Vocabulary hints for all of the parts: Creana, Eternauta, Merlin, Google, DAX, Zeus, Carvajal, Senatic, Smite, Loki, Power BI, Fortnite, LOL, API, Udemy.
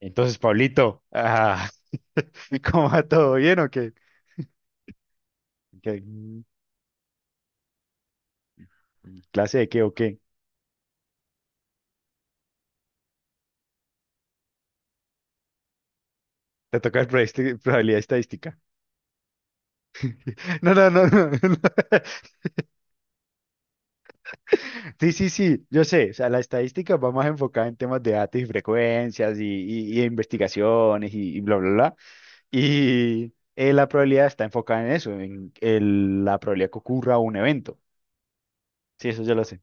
Entonces, Pablito, ¿cómo va todo bien o qué? ¿Qué- ¿Clase de qué o qué? Te toca el probabilidad estadística. No, no, no, no, no. Sí, sí, sí, yo sé. O sea, la estadística va más enfocada en temas de datos y frecuencias y investigaciones y bla, bla, bla. Y la probabilidad está enfocada en eso, en la probabilidad que ocurra un evento. Sí, eso yo lo sé.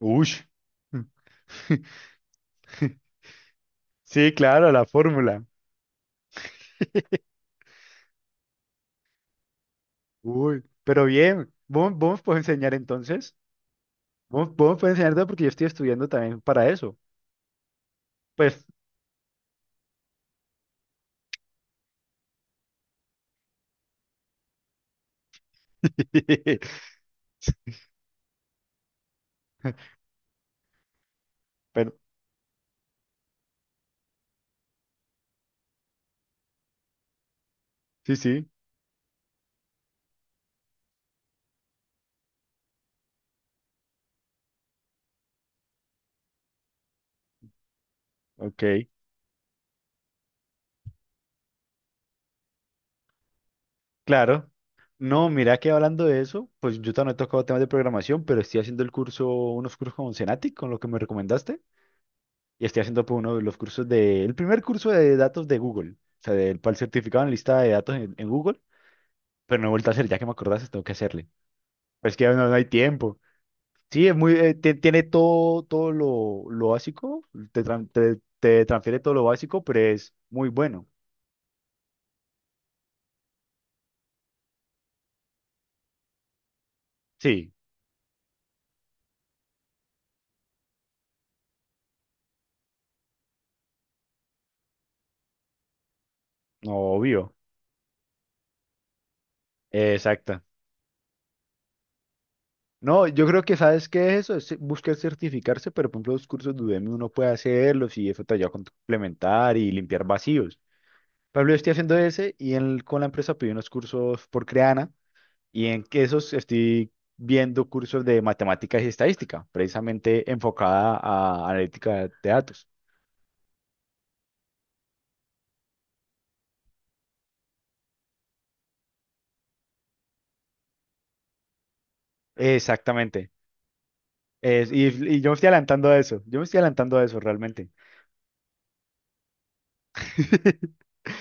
Ush. Sí, claro, la fórmula. Uy, pero bien, vos me puedes enseñar entonces. Vos me puedes enseñar todo porque yo estoy estudiando también para eso. Pues, pero sí, sí, ok, claro. No, mira que hablando de eso, pues yo también he tocado temas de programación, pero estoy haciendo el curso, unos cursos con Senatic, con lo que me recomendaste, y estoy haciendo pues, uno de los cursos de, el primer curso de datos de Google, o sea, del, para el certificado en lista de datos en Google, pero no he vuelto a hacer, ya que me acordaste, tengo que hacerle. Pues es que ya no, no hay tiempo. Sí, es muy, tiene todo, todo lo básico, te, transfiere todo lo básico, pero es muy bueno. Sí, obvio. Exacta. No, yo creo que sabes qué es eso, es buscar certificarse, pero por ejemplo los cursos de Udemy uno puede hacerlos y eso te ayuda a complementar y limpiar vacíos. Por ejemplo, yo estoy haciendo ese y con la empresa pedí unos cursos por Creana y en que esos estoy viendo cursos de matemáticas y estadística, precisamente enfocada a analítica de datos. Exactamente. Y yo me estoy adelantando a eso, yo me estoy adelantando a eso realmente.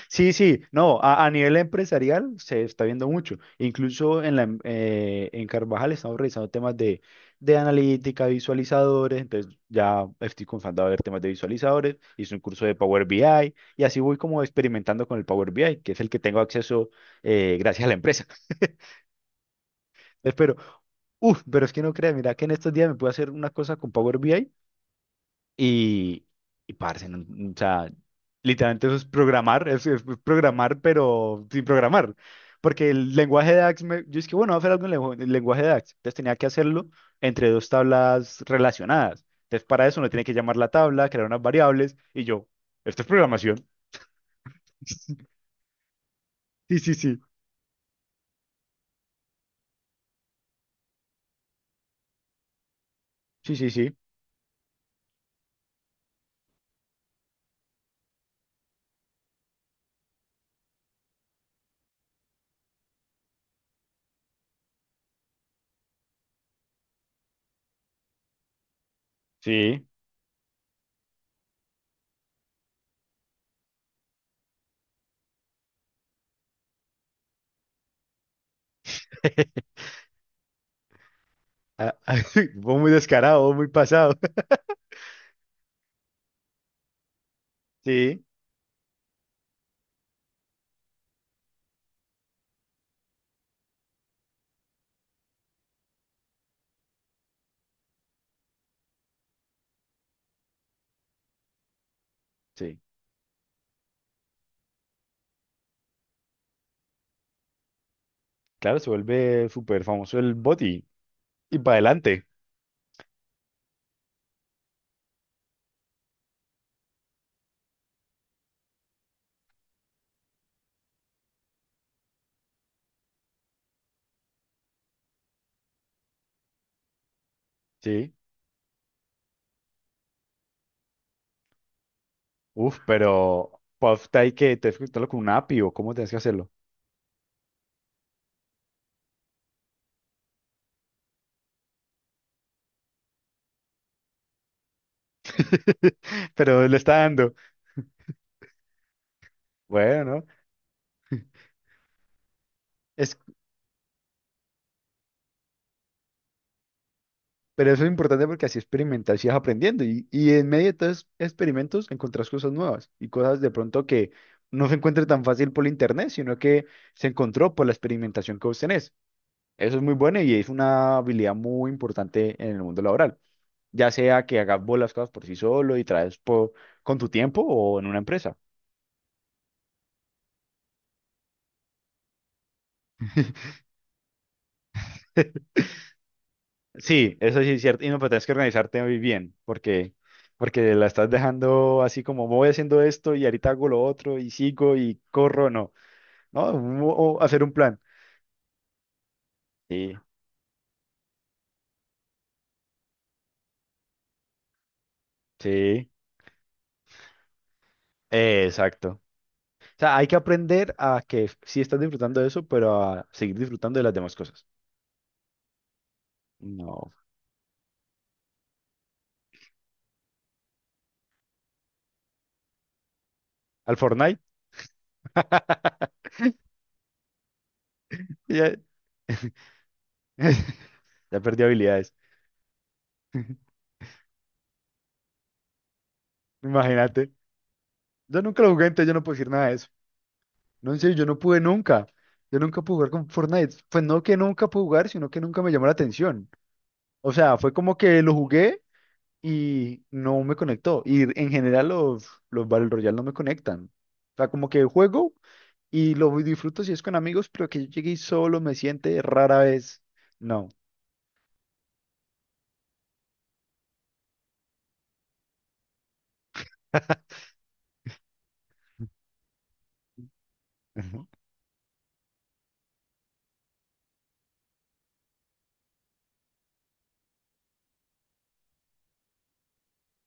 Sí, sí, no, a nivel empresarial se está viendo mucho. Incluso en Carvajal estamos revisando temas de analítica, visualizadores, entonces ya estoy comenzando a ver temas de visualizadores, hice un curso de Power BI y así voy como experimentando con el Power BI, que es el que tengo acceso gracias a la empresa. Espero. Uf, pero es que no creas, mira que en estos días me pude hacer una cosa con Power BI. Y, y parce, no- no, o sea, literalmente eso es programar, es programar, pero sin programar. Porque el lenguaje de DAX, yo es que, bueno, voy a hacer algo en en lenguaje de DAX. Entonces tenía que hacerlo entre dos tablas relacionadas. Entonces para eso uno tiene que llamar la tabla, crear unas variables, y yo, esto es programación. Sí, sí, sí. Sí, sí, sí. Sí. Ah, Vos muy descarado, vos muy pasado. Sí, sí. Claro, se vuelve súper famoso el boti. Y para adelante. Sí. Uf, pero puff, ¿hay que te escribirlo con un API o cómo tienes que hacerlo? Pero le está dando. Bueno, es, pero eso es importante porque así experimentas y vas aprendiendo. Y en medio de todos esos experimentos encontrás cosas nuevas y cosas de pronto que no se encuentra tan fácil por internet, sino que se encontró por la experimentación que vos tenés. Eso es muy bueno y es una habilidad muy importante en el mundo laboral. Ya sea que hagas vos las cosas por sí solo y traes con tu tiempo o en una empresa. Sí, eso sí es cierto. Y no, pero tienes que organizarte muy bien, porque, porque la estás dejando así como voy haciendo esto y ahorita hago lo otro y sigo y corro, no. No, o hacer un plan. Sí, sí, exacto. O sea, hay que aprender a que sí estás disfrutando de eso, pero a seguir disfrutando de las demás cosas. No. Al Fortnite, ya, ya perdí habilidades. Imagínate. Yo nunca lo jugué, entonces yo no puedo decir nada de eso. No, en serio, yo no pude nunca. Yo nunca pude jugar con Fortnite. Pues no que nunca pude jugar, sino que nunca me llamó la atención. O sea, fue como que lo jugué y no me conectó. Y en general los Battle Royale no me conectan. O sea, como que juego y lo disfruto si es con amigos, pero que yo llegue y solo me siente rara vez. No.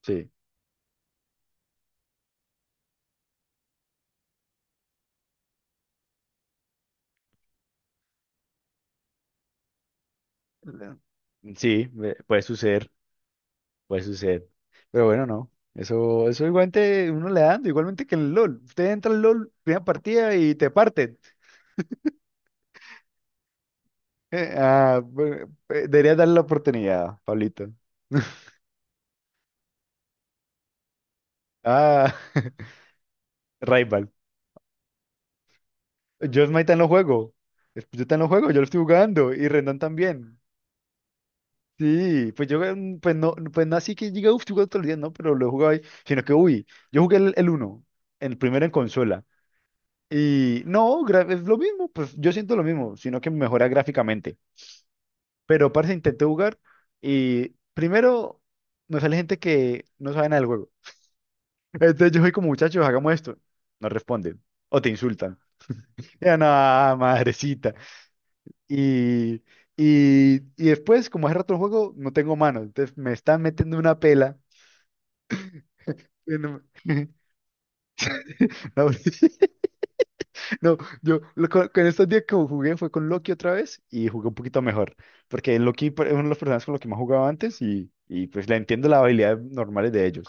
Sí. Sí, puede suceder. Puede suceder. Pero bueno, no. Eso igualmente uno le da dando, igualmente que en el LOL. Usted entra al LOL, primera partida y te parten. Debería darle la oportunidad, Pablito. Ah, Rival. Yo Smite no juego. Yo tan no juego, yo lo estoy jugando. Y Rendón también. Sí, pues yo pues no así que diga, uff, estoy jugando todo el día, no, pero lo he jugado ahí. Sino que, uy, yo jugué el, uno el primero en consola. Y no, es lo mismo, pues yo siento lo mismo, sino que mejora gráficamente. Pero parece intenté jugar y primero me sale gente que no sabe nada del juego. Entonces yo soy como muchachos, hagamos esto. No responden o te insultan. Ya no, madrecita. Y, y después, como hace rato el juego, no tengo manos. Entonces me están metiendo una pela. No, No, yo con estos días que jugué fue con Loki otra vez y jugué un poquito mejor, porque Loki es uno de los personajes con los que más jugaba antes y pues le entiendo las habilidades normales de ellos.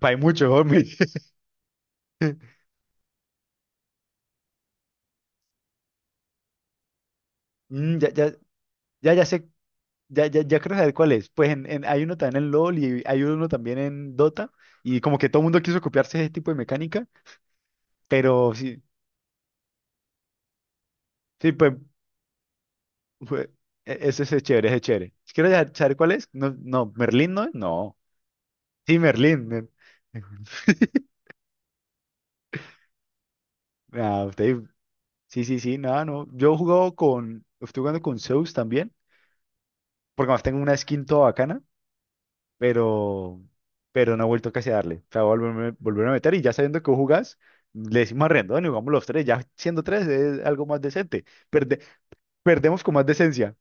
Hay mucho, hombre. Mm, ya, ya, ya sé, ya creo saber cuál es. Pues hay uno también en LOL y hay uno también en Dota y como que todo el mundo quiso copiarse ese tipo de mecánica, pero sí, sí, pues fue- ese es chévere, ese es chévere. Quiero ya saber cuál es. No, no, ¿Merlín no es? No. Sí, Merlín. Ah, sí, sí, sí, nada, no. Yo he jugado con, estoy jugando con Zeus también, porque además tengo una skin toda bacana, pero, pero no he vuelto casi a darle. O sea, voy a volverme, volverme a meter y ya sabiendo que vos jugás, le decimos a Rendón y jugamos los tres, ya siendo tres es algo más decente. Perde- Perdemos con más decencia.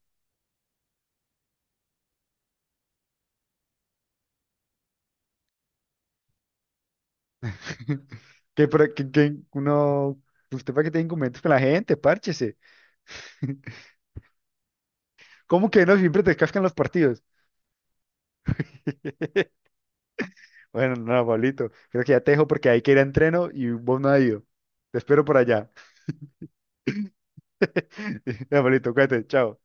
Que uno, usted para que tenga inconvenientes con la gente, párchese. ¿Cómo que no siempre te cascan los partidos? Bueno, no, Pablito, creo que ya te dejo porque hay que ir a entreno y vos no has ido. Te espero por allá. Ya, Pablito, cuídate, chao.